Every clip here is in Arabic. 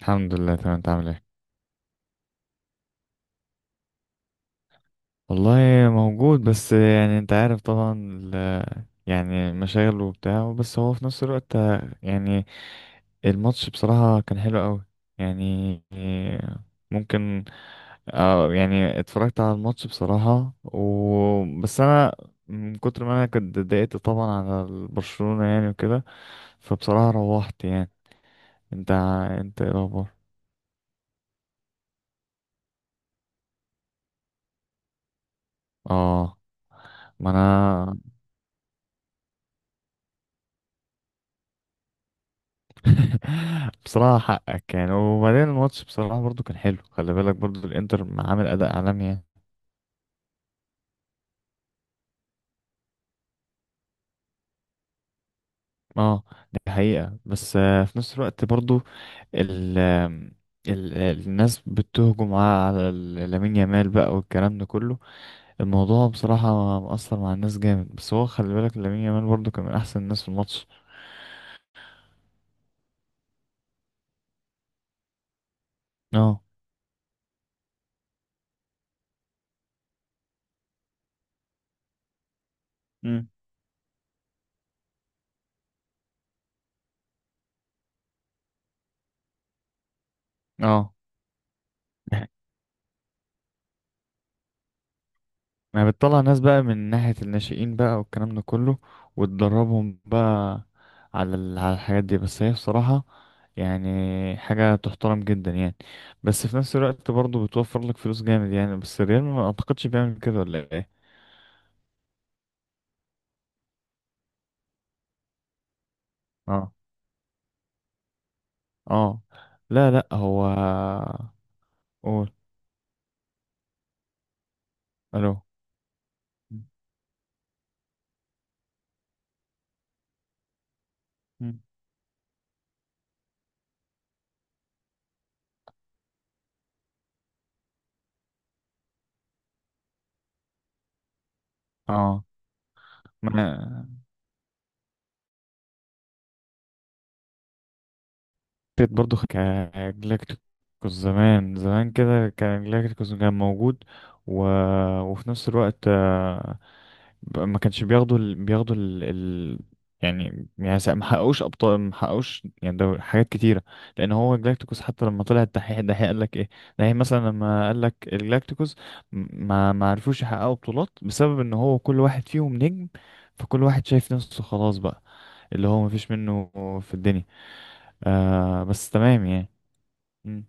الحمد لله، تمام. انت عامل ايه؟ والله موجود، بس يعني انت عارف طبعا، يعني مشاغل وبتاع. بس هو في نفس الوقت يعني الماتش بصراحة كان حلو قوي. يعني ممكن، اه يعني اتفرجت على الماتش بصراحة، و بس انا من كتر ما انا كنت اتضايقت طبعا على برشلونة يعني، وكده. فبصراحة روحت يعني. انت انت ايه الاخبار؟ اه. ما انا. بصراحة حقك يعني. وبعدين الماتش بصراحة برضو كان حلو. خلي بالك برضو الانتر عامل اداء عالمي يعني. اه، دي حقيقة. بس آه، في نفس الوقت برضو ال ال الناس بتهجم على لامين يامال بقى، والكلام ده كله. الموضوع بصراحة مأثر مع الناس جامد. بس هو خلي بالك لامين يامال برضو كان من احسن الناس في الماتش. اه. مم. اه، ما هي بتطلع ناس بقى من ناحية الناشئين بقى، والكلام ده كله، وتدربهم بقى على على الحاجات دي. بس هي بصراحة يعني حاجة تحترم جدا يعني. بس في نفس الوقت برضه بتوفر لك فلوس جامد يعني. بس الريال ما اعتقدش بيعمل كده ولا ايه؟ اه، اه. لا لا، هو. قول. الو. مم. اه. ما انا فكرة برضه كجلاكتيكوس. زمان زمان كده كان جلاكتيكوس كان موجود. و وفي نفس الوقت بقى ما كانش بياخدوا. سا- ما حققوش ابطال، ما حققوش. يعني ده حاجات كتيره. لان هو جلاكتيكوس حتى لما طلع الدحيح، الدحيح قال لك ايه الدحيح مثلا لما قال لك الجلاكتيكوس، ما عرفوش يحققوا بطولات بسبب ان هو كل واحد فيهم نجم. فكل واحد شايف نفسه خلاص بقى، اللي هو ما فيش منه في الدنيا. آه بس تمام يعني. مم.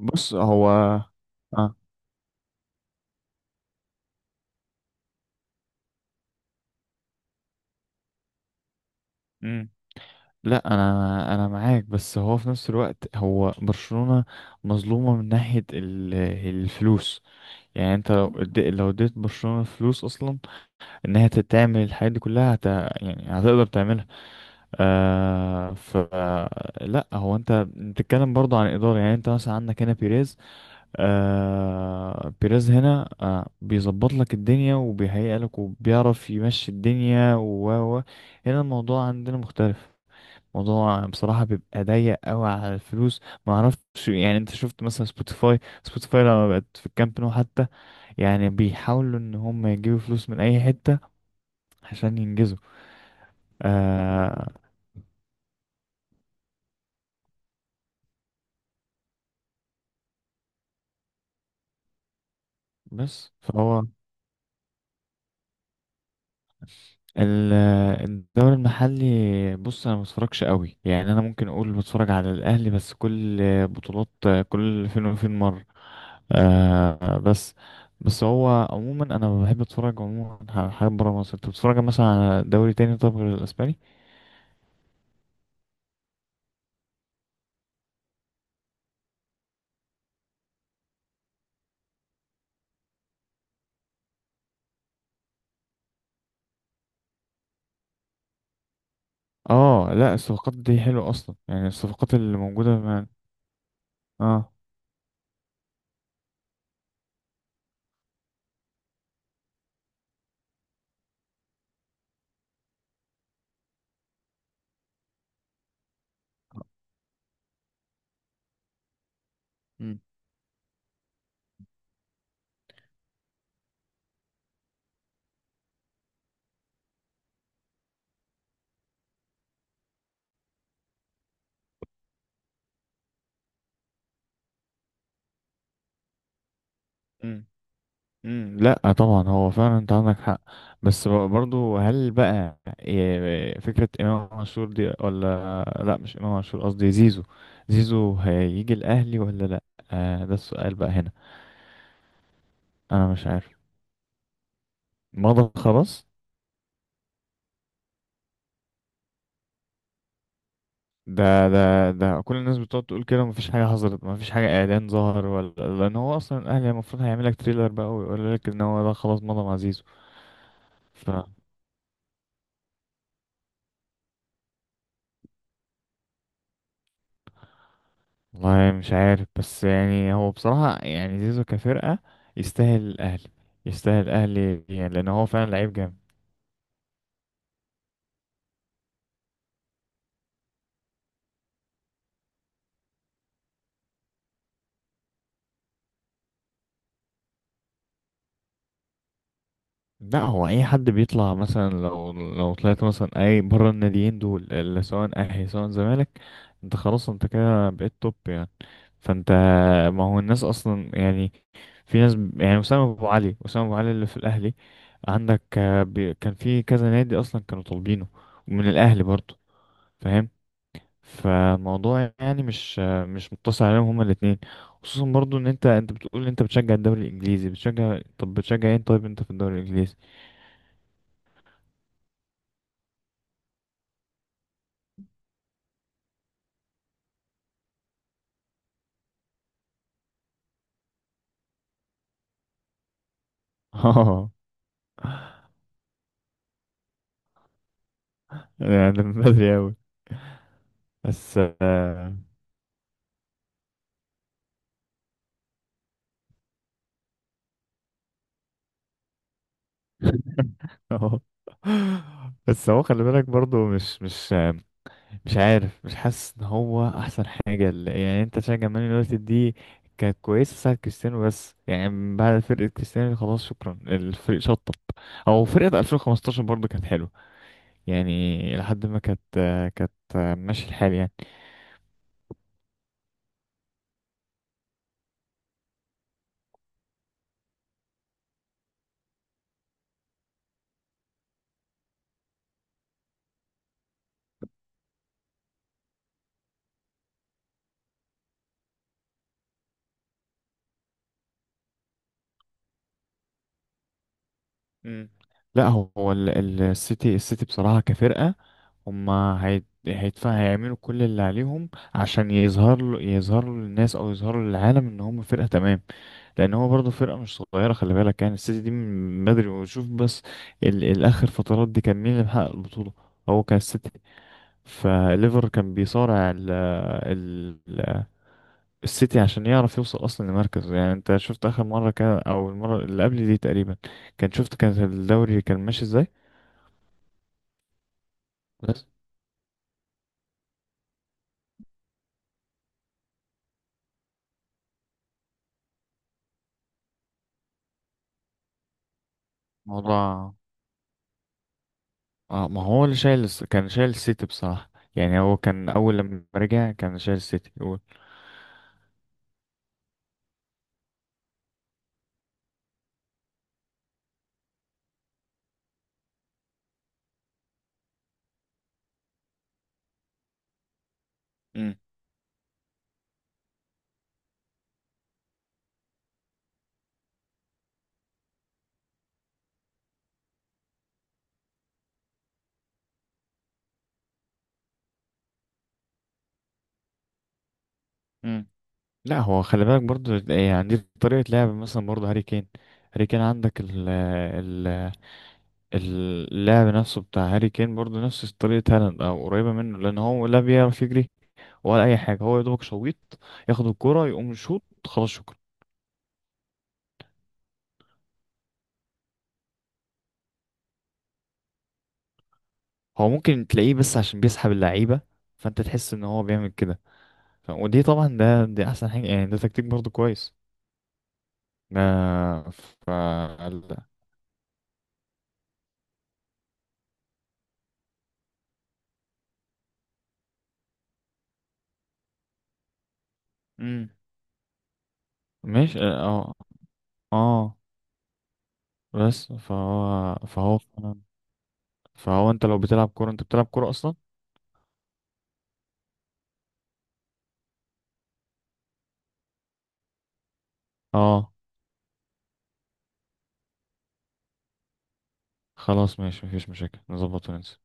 بص هو. اه. لا، انا انا معاك. بس هو في نفس الوقت هو برشلونة مظلومة من ناحية الفلوس. يعني انت لو اديت برشلونة فلوس اصلا ان هي تعمل الحاجات دي كلها، هت يعني هتقدر تعملها. آه ف. لا هو انت بتتكلم برضه عن ادارة. يعني انت مثلا عندك هنا بيريز. آه بيريز هنا آه بيظبط لك الدنيا، وبيهيئ لك، وبيعرف يمشي الدنيا. و- هنا الموضوع عندنا مختلف. موضوع بصراحة بيبقى ضيق قوي على الفلوس. ما اعرفش. يعني انت شفت مثلا سبوتيفاي لما بقت في الكامب نو حتى. يعني بيحاولوا ان هم يجيبوا فلوس من اي حتة عشان ينجزوا. آه. بس فهو آه، الدوري المحلي. بص انا ما بتفرجش قوي يعني. انا ممكن اقول بتفرج على الاهلي بس كل بطولات، كل فين وفين مره. آه، بس بس هو عموما انا بحب اتفرج عموما على حاجات بره مصر. انت بتتفرج مثلا على دوري تاني طب غير الاسباني؟ اه. لا الصفقات دي حلوه اصلا. يعني الصفقات اللي موجوده ما. اه. مم. مم. مم، لا طبعا هو فعلا انت عندك حق. بس ب- برضو هل بقى إيه، فكرة امام عاشور دي؟ ولا لا، مش امام عاشور، قصدي زيزو. زيزو هيجي الاهلي ولا لا؟ آه ده السؤال بقى هنا. انا مش عارف. مضى خلاص؟ ده كل الناس بتقعد تقول كده، مفيش حاجة حصلت، مفيش حاجة اعلان ظهر ولا. لان هو اصلا الاهلي المفروض هيعمل لك تريلر بقى، ويقول لك ان هو ده خلاص مضى مع زيزو. والله مش عارف. بس يعني هو بصراحة يعني زيزو كفرقة يستاهل الأهلي. يستاهل الأهلي يعني، لأن هو فعلا لعيب جامد. لا هو أي حد بيطلع مثلا، لو طلعت مثلا أي بره الناديين دول، اللي سواء أهلي سواء زمالك، أنت خلاص. أنت كده بقيت توب يعني. فأنت، ما هو الناس أصلا يعني. في ناس ب- يعني أسامة أبو علي اللي في الأهلي. عندك آه، بي- كان في كذا نادي أصلا كانوا طالبينه، ومن الأهلي برضه. فاهم؟ فالموضوع يعني مش مقتصر عليهم هما الاثنين. خصوصا برضو ان انت بتقول ان انت بتشجع الدوري الانجليزي، بتشجع طب بتشجع ايه طيب انت في الدوري الانجليزي؟ اه، يعني ده من بدري اوي. بس آه. اه. بس هو خلي بالك برضو، مش عارف، مش حاسس ان هو احسن حاجه. يعني انت تشجع مان يونايتد دي؟ كانت كويسه ساعه كريستيانو. بس يعني من بعد فرقه كريستيانو خلاص شكرا، الفريق شطب. او فرقه 2015 برضو كانت حلوه، يعني لحد ما كانت ماشي الحال يعني. امم. لا هو السيتي بصراحة كفرقة. هيدفع، هيعملوا كل اللي عليهم عشان يظهر له، يظهروا للناس او يظهروا للعالم ان هم فرقة تمام. لان هو برضه فرقة مش صغيرة، خلي بالك. يعني السيتي دي من بدري. وشوف بس الاخر فترات دي كان مين اللي محقق البطولة؟ هو كان السيتي. فليفر كان بيصارع السيتي عشان يعرف يوصل اصلا لمركز. يعني انت شفت اخر مره كان، او المره اللي قبل دي تقريبا، كان شفت كان الدوري كان ماشي ازاي. بس موضوع. اه، ما هو اللي شايل كان شايل السيتي بصراحه. يعني هو كان اول لما رجع كان شايل السيتي هو. امم. امم. لا هو خلي بالك برضو، يعني عندي طريقه لعب مثلا برضو هاري كين. هاري كين عندك ال ال اللعب نفسه بتاع هاري كين برضو نفس طريقه هالاند او قريبه منه، لان هو لا بيعرف يجري ولا اي حاجه. هو يا دوبك شويط، ياخد الكرة يقوم يشوط خلاص شكرا. هو ممكن تلاقيه بس عشان بيسحب اللعيبه، فانت تحس ان هو بيعمل كده. ودي طبعا دي احسن حاجه يعني. ده تكتيك برضو كويس. ده ف ال- مم. ماشي اه. اه آه، بس فهو انت لو بتلعب كوره انت بتلعب كوره اصلا. اه، خلاص ماشي مفيش مشاكل، نظبط وننسى.